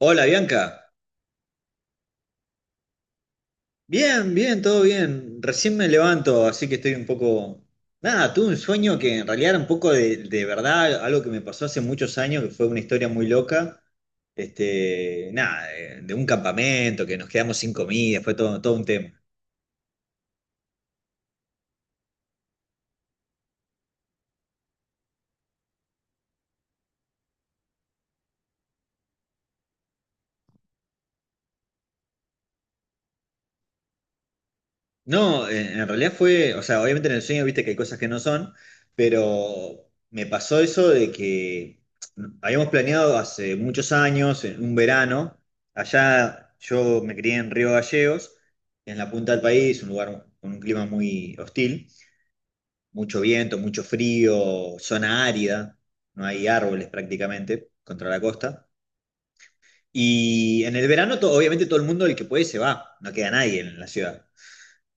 Hola Bianca, bien, bien, todo bien. Recién me levanto, así que estoy un poco... Nada, tuve un sueño que en realidad era un poco de verdad, algo que me pasó hace muchos años, que fue una historia muy loca. Este, nada, de un campamento, que nos quedamos sin comida, fue todo un tema. No, en realidad fue, o sea, obviamente en el sueño viste que hay cosas que no son, pero me pasó eso de que habíamos planeado hace muchos años, en un verano. Allá yo me crié en Río Gallegos, en la punta del país, un lugar con un clima muy hostil, mucho viento, mucho frío, zona árida, no hay árboles prácticamente contra la costa. Y en el verano, obviamente todo el mundo, el que puede, se va, no queda nadie en la ciudad.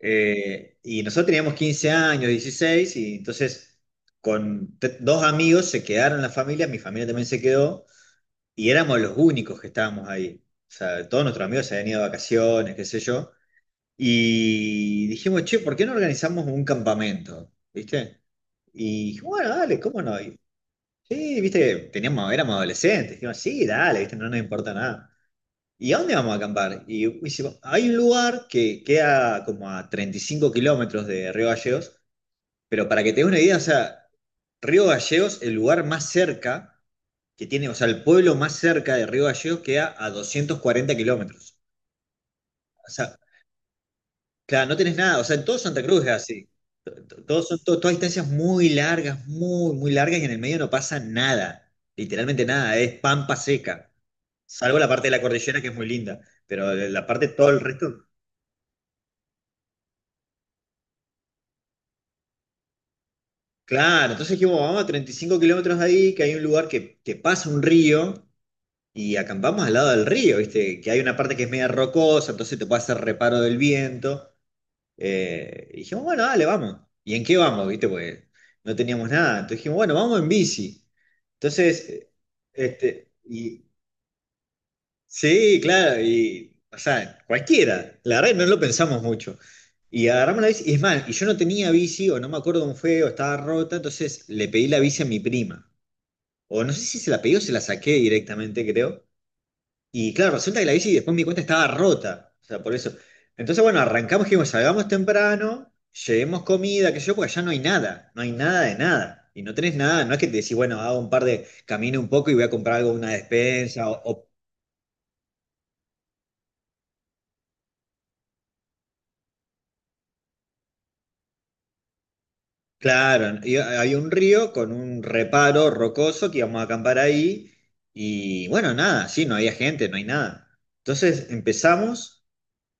Y nosotros teníamos 15 años, 16, y entonces con dos amigos se quedaron en la familia, mi familia también se quedó, y éramos los únicos que estábamos ahí. O sea, todos nuestros amigos se habían ido de vacaciones, qué sé yo. Y dijimos, che, ¿por qué no organizamos un campamento? ¿Viste? Y dijimos, bueno, dale, ¿cómo no? Y sí, viste, teníamos, éramos adolescentes, dijimos, sí, dale, ¿viste? No nos importa nada. ¿Y a dónde vamos a acampar? Y dice, hay un lugar que queda como a 35 kilómetros de Río Gallegos, pero para que te des una idea, o sea, Río Gallegos, el lugar más cerca que tiene, o sea, el pueblo más cerca de Río Gallegos queda a 240 kilómetros. O sea, claro, no tenés nada, o sea, en todo Santa Cruz es así. Todas distancias muy largas, muy, muy largas, y en el medio no pasa nada, literalmente nada, es pampa seca, salvo la parte de la cordillera que es muy linda, pero la parte, todo el resto... Claro, entonces dijimos, vamos a 35 kilómetros de ahí, que hay un lugar que pasa un río, y acampamos al lado del río, ¿viste? Que hay una parte que es media rocosa, entonces te puede hacer reparo del viento. Y dijimos, bueno, dale, vamos. ¿Y en qué vamos, viste? Porque no teníamos nada. Entonces dijimos, bueno, vamos en bici. Entonces, este, y sí, claro, y, o sea, cualquiera, la verdad que no lo pensamos mucho. Y agarramos la bici, y es más, y yo no tenía bici, o no me acuerdo cómo fue, o estaba rota, entonces le pedí la bici a mi prima. O no sé si se la pedí o se la saqué directamente, creo. Y claro, resulta que la bici después me di cuenta estaba rota, o sea, por eso. Entonces, bueno, arrancamos, dijimos, salgamos temprano, llevemos comida, que yo, porque allá no hay nada, no hay nada de nada. Y no tenés nada, no es que te decís, bueno, hago un par de, camino un poco y voy a comprar algo, una despensa, o, claro, y había un río con un reparo rocoso que íbamos a acampar ahí, y bueno, nada, sí, no había gente, no hay nada. Entonces empezamos,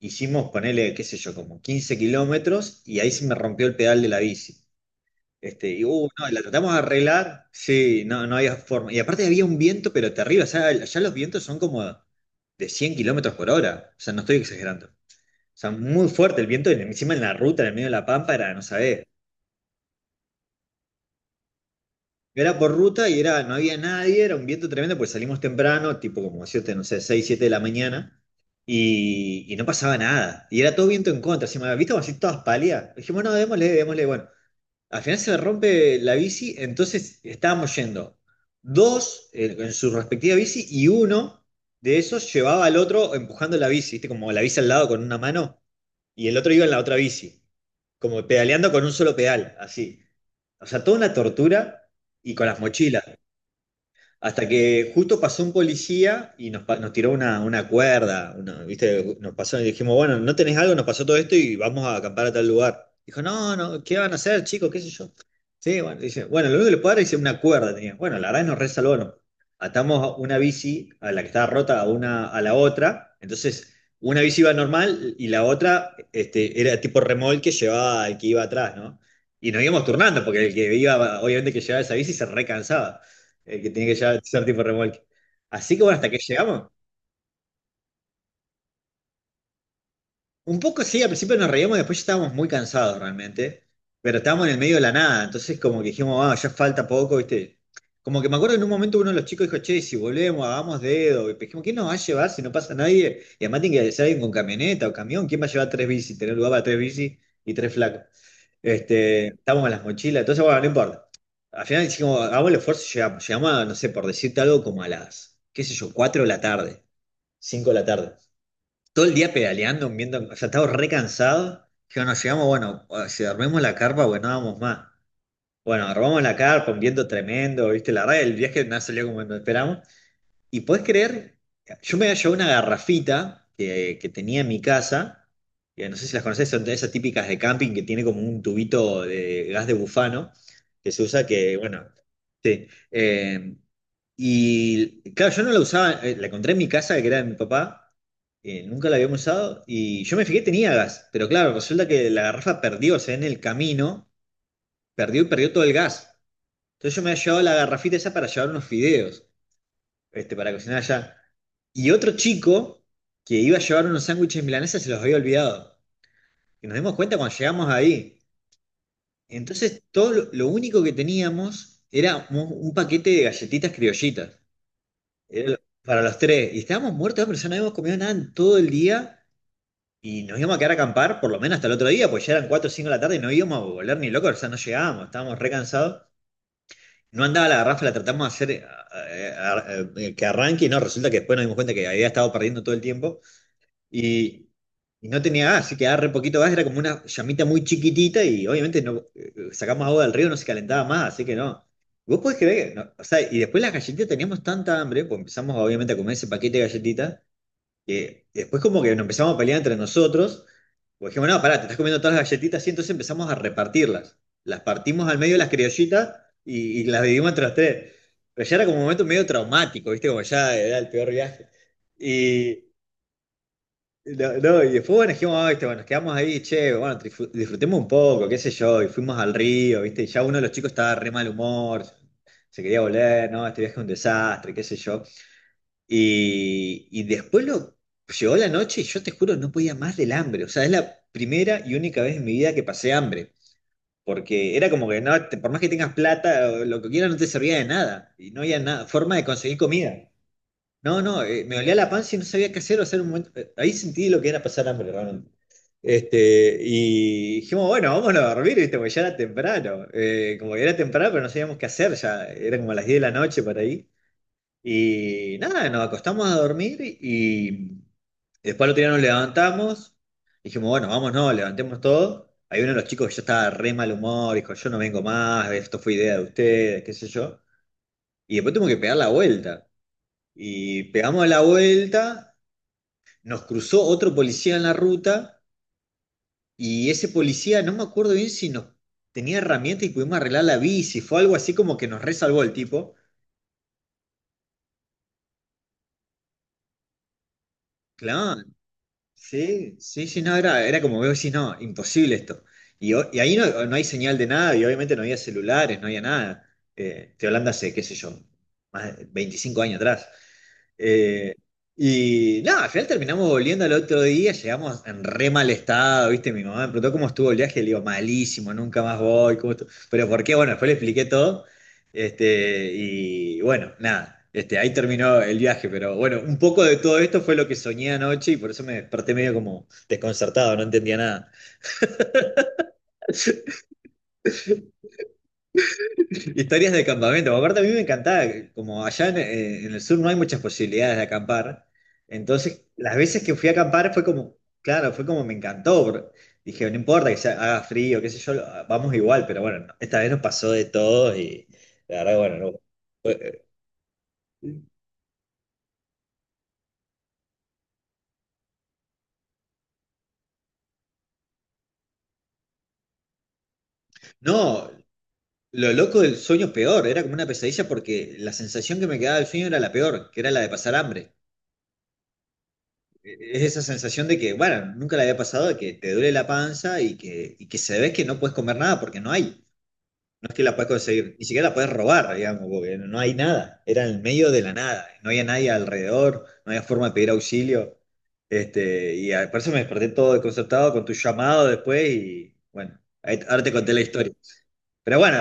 hicimos, ponele, qué sé yo, como 15 kilómetros, y ahí se me rompió el pedal de la bici. Este, y no, la tratamos de arreglar, sí, no, no había forma. Y aparte había un viento, pero terrible, o sea, allá los vientos son como de 100 kilómetros por hora, o sea, no estoy exagerando. O sea, muy fuerte el viento, y encima en la ruta, en el medio de la pampa, era, no sabés. Era por ruta y era, no había nadie, era un viento tremendo, pues salimos temprano, tipo como siete, no sé, 6 7 de la mañana, y no pasaba nada. Y era todo viento en contra, así, ¿viste? Como así todas pálidas. Dijimos, no, démosle, démosle. Bueno, al final se me rompe la bici, entonces estábamos yendo dos, en su respectiva bici, y uno de esos llevaba al otro empujando la bici, ¿viste? Como la bici al lado con una mano, y el otro iba en la otra bici, como pedaleando con un solo pedal, así. O sea, toda una tortura, y con las mochilas. Hasta que justo pasó un policía y nos, nos tiró una cuerda, ¿viste? Nos pasó y dijimos, bueno, ¿no tenés algo? Nos pasó todo esto y vamos a acampar a tal lugar. Dijo, no, no, ¿qué van a hacer, chicos? ¿Qué sé yo? Sí, bueno, dice, bueno, lo único que le puedo dar es una cuerda. Tenía. Bueno, la verdad nos que nos resalvaron. Atamos una bici, a la que estaba rota, a una a la otra. Entonces, una bici iba normal y la otra, este, era tipo remolque, llevaba al que iba atrás, ¿no? Y nos íbamos turnando, porque el que iba, obviamente, que llevaba esa bici se recansaba, el que tiene que ya ser tipo remolque. Así que bueno, hasta que llegamos. Un poco sí, al principio nos reíamos, después ya estábamos muy cansados realmente, pero estábamos en el medio de la nada, entonces como que dijimos, ah, ya falta poco, ¿viste? Como que me acuerdo en un momento uno de los chicos dijo, che, si volvemos, hagamos dedo, y dijimos, ¿quién nos va a llevar si no pasa nadie? Y además tiene que ser alguien con camioneta o camión, ¿quién va a llevar tres bicis? Tener lugar para tres bicis y tres flacos. Este, estábamos con las mochilas, entonces bueno, no importa. Al final dijimos, hagamos el esfuerzo y llegamos. Llegamos a, no sé, por decirte algo, como a las, qué sé yo, 4 de la tarde. 5 de la tarde. Todo el día pedaleando, viendo, o sea, estaba re cansado. Yo nos llegamos, bueno, si dormimos la carpa, bueno, no vamos más. Bueno, armamos la carpa, un viento tremendo, ¿viste? La verdad, el viaje no salió como lo esperamos. Y podés creer, yo me había llevado una garrafita que tenía en mi casa, que no sé si las conocés, son de esas típicas de camping que tiene como un tubito de gas de bufano, que se usa que, bueno, sí. Y claro, yo no la usaba, la encontré en mi casa, que era de mi papá, nunca la habíamos usado, y yo me fijé, tenía gas, pero claro, resulta que la garrafa perdió, o sea, en el camino, perdió y perdió todo el gas. Entonces yo me había llevado la garrafita esa para llevar unos fideos, este, para cocinar allá. Y otro chico que iba a llevar unos sándwiches milanesas se los había olvidado. Y nos dimos cuenta cuando llegamos ahí. Entonces, todo lo, único que teníamos era un paquete de galletitas criollitas. Era para los tres. Y estábamos muertos de hambre, ya no habíamos comido nada en todo el día. Y nos íbamos a quedar a acampar por lo menos hasta el otro día, pues ya eran 4 o 5 de la tarde y no íbamos a volver ni locos, o sea, no llegábamos, estábamos re cansados. No andaba la garrafa, la tratamos de hacer que arranque, y no, resulta que después nos dimos cuenta que había estado perdiendo todo el tiempo. Y, y no tenía gas, así que quedaba re poquito gas, era como una llamita muy chiquitita, y obviamente no, sacamos agua del río, no se calentaba más, así que no. Vos podés creer, no, o sea, y después las galletitas teníamos tanta hambre, pues empezamos obviamente a comer ese paquete de galletitas, que después como que nos empezamos a pelear entre nosotros, pues dijimos, no, pará, te estás comiendo todas las galletitas, y entonces empezamos a repartirlas. Las partimos al medio las criollitas, y las dividimos entre las tres. Pero ya era como un momento medio traumático, ¿viste? Como ya era el peor viaje. Y, no, no, y después bueno, dijimos, "Ay, este, bueno, nos quedamos ahí, che, bueno, disfrutemos un poco, qué sé yo, y fuimos al río, ¿viste? Y ya uno de los chicos estaba de re mal humor, se quería volver, no, este viaje es un desastre, qué sé yo. Y después llegó la noche, y yo te juro, no podía más del hambre. O sea, es la primera y única vez en mi vida que pasé hambre. Porque era como que, no, por más que tengas plata, lo que quieras no te servía de nada. Y no había nada, forma de conseguir comida. No, no, me olía la panza y no sabía qué hacer, o sea, en un momento, ahí sentí lo que era pasar hambre, realmente. Este, y dijimos, bueno, vámonos a dormir, ¿viste? Porque ya era temprano, como que era temprano, pero no sabíamos qué hacer, ya era como a las 10 de la noche por ahí. Y nada, nos acostamos a dormir y después al otro día nos levantamos, dijimos, bueno, vámonos, levantemos todo. Hay uno de los chicos que ya estaba re mal humor, dijo, yo no vengo más, esto fue idea de ustedes, qué sé yo. Y después tuvimos que pegar la vuelta. Y pegamos la vuelta, nos cruzó otro policía en la ruta y ese policía, no me acuerdo bien si nos tenía herramientas y pudimos arreglar la bici, fue algo así como que nos resalvó el tipo. Claro, sí, sí, sí, no, era como veo, sí, no, imposible esto. Y, y ahí no, no hay señal de nada y obviamente no había celulares, no había nada. Estoy hablando hace, qué sé yo, más de 25 años atrás. Eh, y nada, al final terminamos volviendo al otro día, llegamos en re mal estado, ¿viste? Mi mamá me preguntó cómo estuvo el viaje, le digo, malísimo, nunca más voy, ¿cómo estuvo? Pero ¿por qué? Bueno, después le expliqué todo. Este, y bueno, nada, este, ahí terminó el viaje, pero bueno, un poco de todo esto fue lo que soñé anoche y por eso me desperté medio como desconcertado, no entendía nada. Historias de campamento. Aparte, a mí me encantaba, como allá en el sur no hay muchas posibilidades de acampar. Entonces, las veces que fui a acampar fue como, claro, fue como me encantó. Bro. Dije, no importa que sea, haga frío, qué sé yo, vamos igual, pero bueno, no, esta vez nos pasó de todo y la verdad, bueno, no. fue- eh, No, lo loco del sueño peor, era como una pesadilla porque la sensación que me quedaba del sueño era la peor, que era la de pasar hambre. Es esa sensación de que, bueno, nunca le había pasado de que te duele la panza y que se ve que no puedes comer nada porque no hay. No es que la puedes conseguir, ni siquiera la puedes robar, digamos, porque no hay nada. Era en el medio de la nada, no había nadie alrededor, no había forma de pedir auxilio. Este, por eso me desperté todo desconcertado con tu llamado después y bueno, ahora te conté la historia. Pero bueno,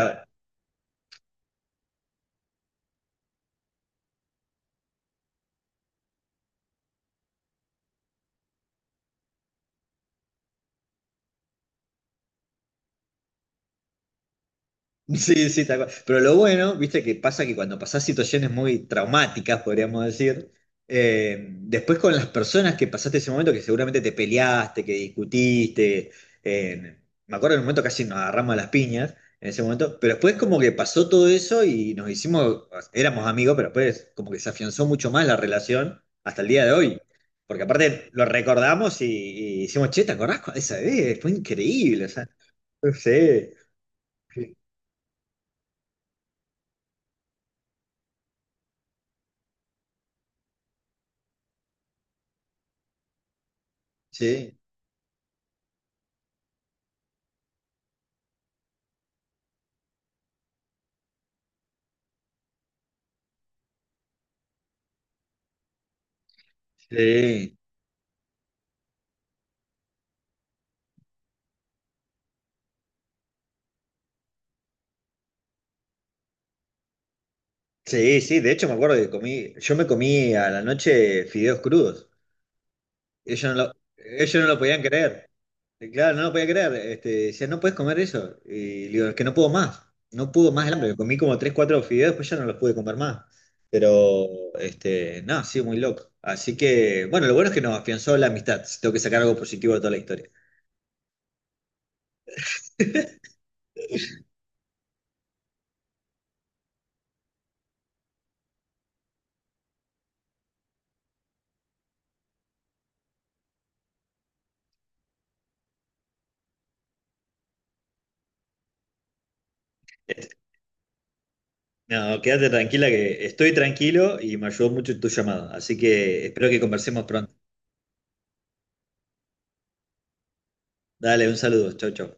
sí, sí, tal cual. Pero lo bueno, viste, que pasa que cuando pasás situaciones muy traumáticas, podríamos decir, después con las personas que pasaste ese momento, que seguramente te peleaste, que discutiste, eh, me acuerdo en un momento casi nos agarramos a las piñas en ese momento, pero después como que pasó todo eso y nos hicimos, éramos amigos, pero después como que se afianzó mucho más la relación hasta el día de hoy. Porque aparte lo recordamos y hicimos, che, ¿te acordás de esa vez? Fue increíble, o sea, sí. Sí. Sí, sí, sí, de hecho me acuerdo que comí, yo me comí a la noche fideos crudos. Ellos no lo podían creer. Y claro, no lo podían creer. Este, decían, no puedes comer eso. Y le digo, es que no puedo más. No puedo más el hambre. Comí como tres, cuatro fideos, después ya no los pude comer más. Pero, este, no, sí, muy loco. Así que, bueno, lo bueno es que nos afianzó la amistad. Si tengo que sacar algo positivo de toda la historia. Este, no, quédate tranquila que estoy tranquilo y me ayudó mucho tu llamada. Así que espero que conversemos pronto. Dale, un saludo. Chau, chau.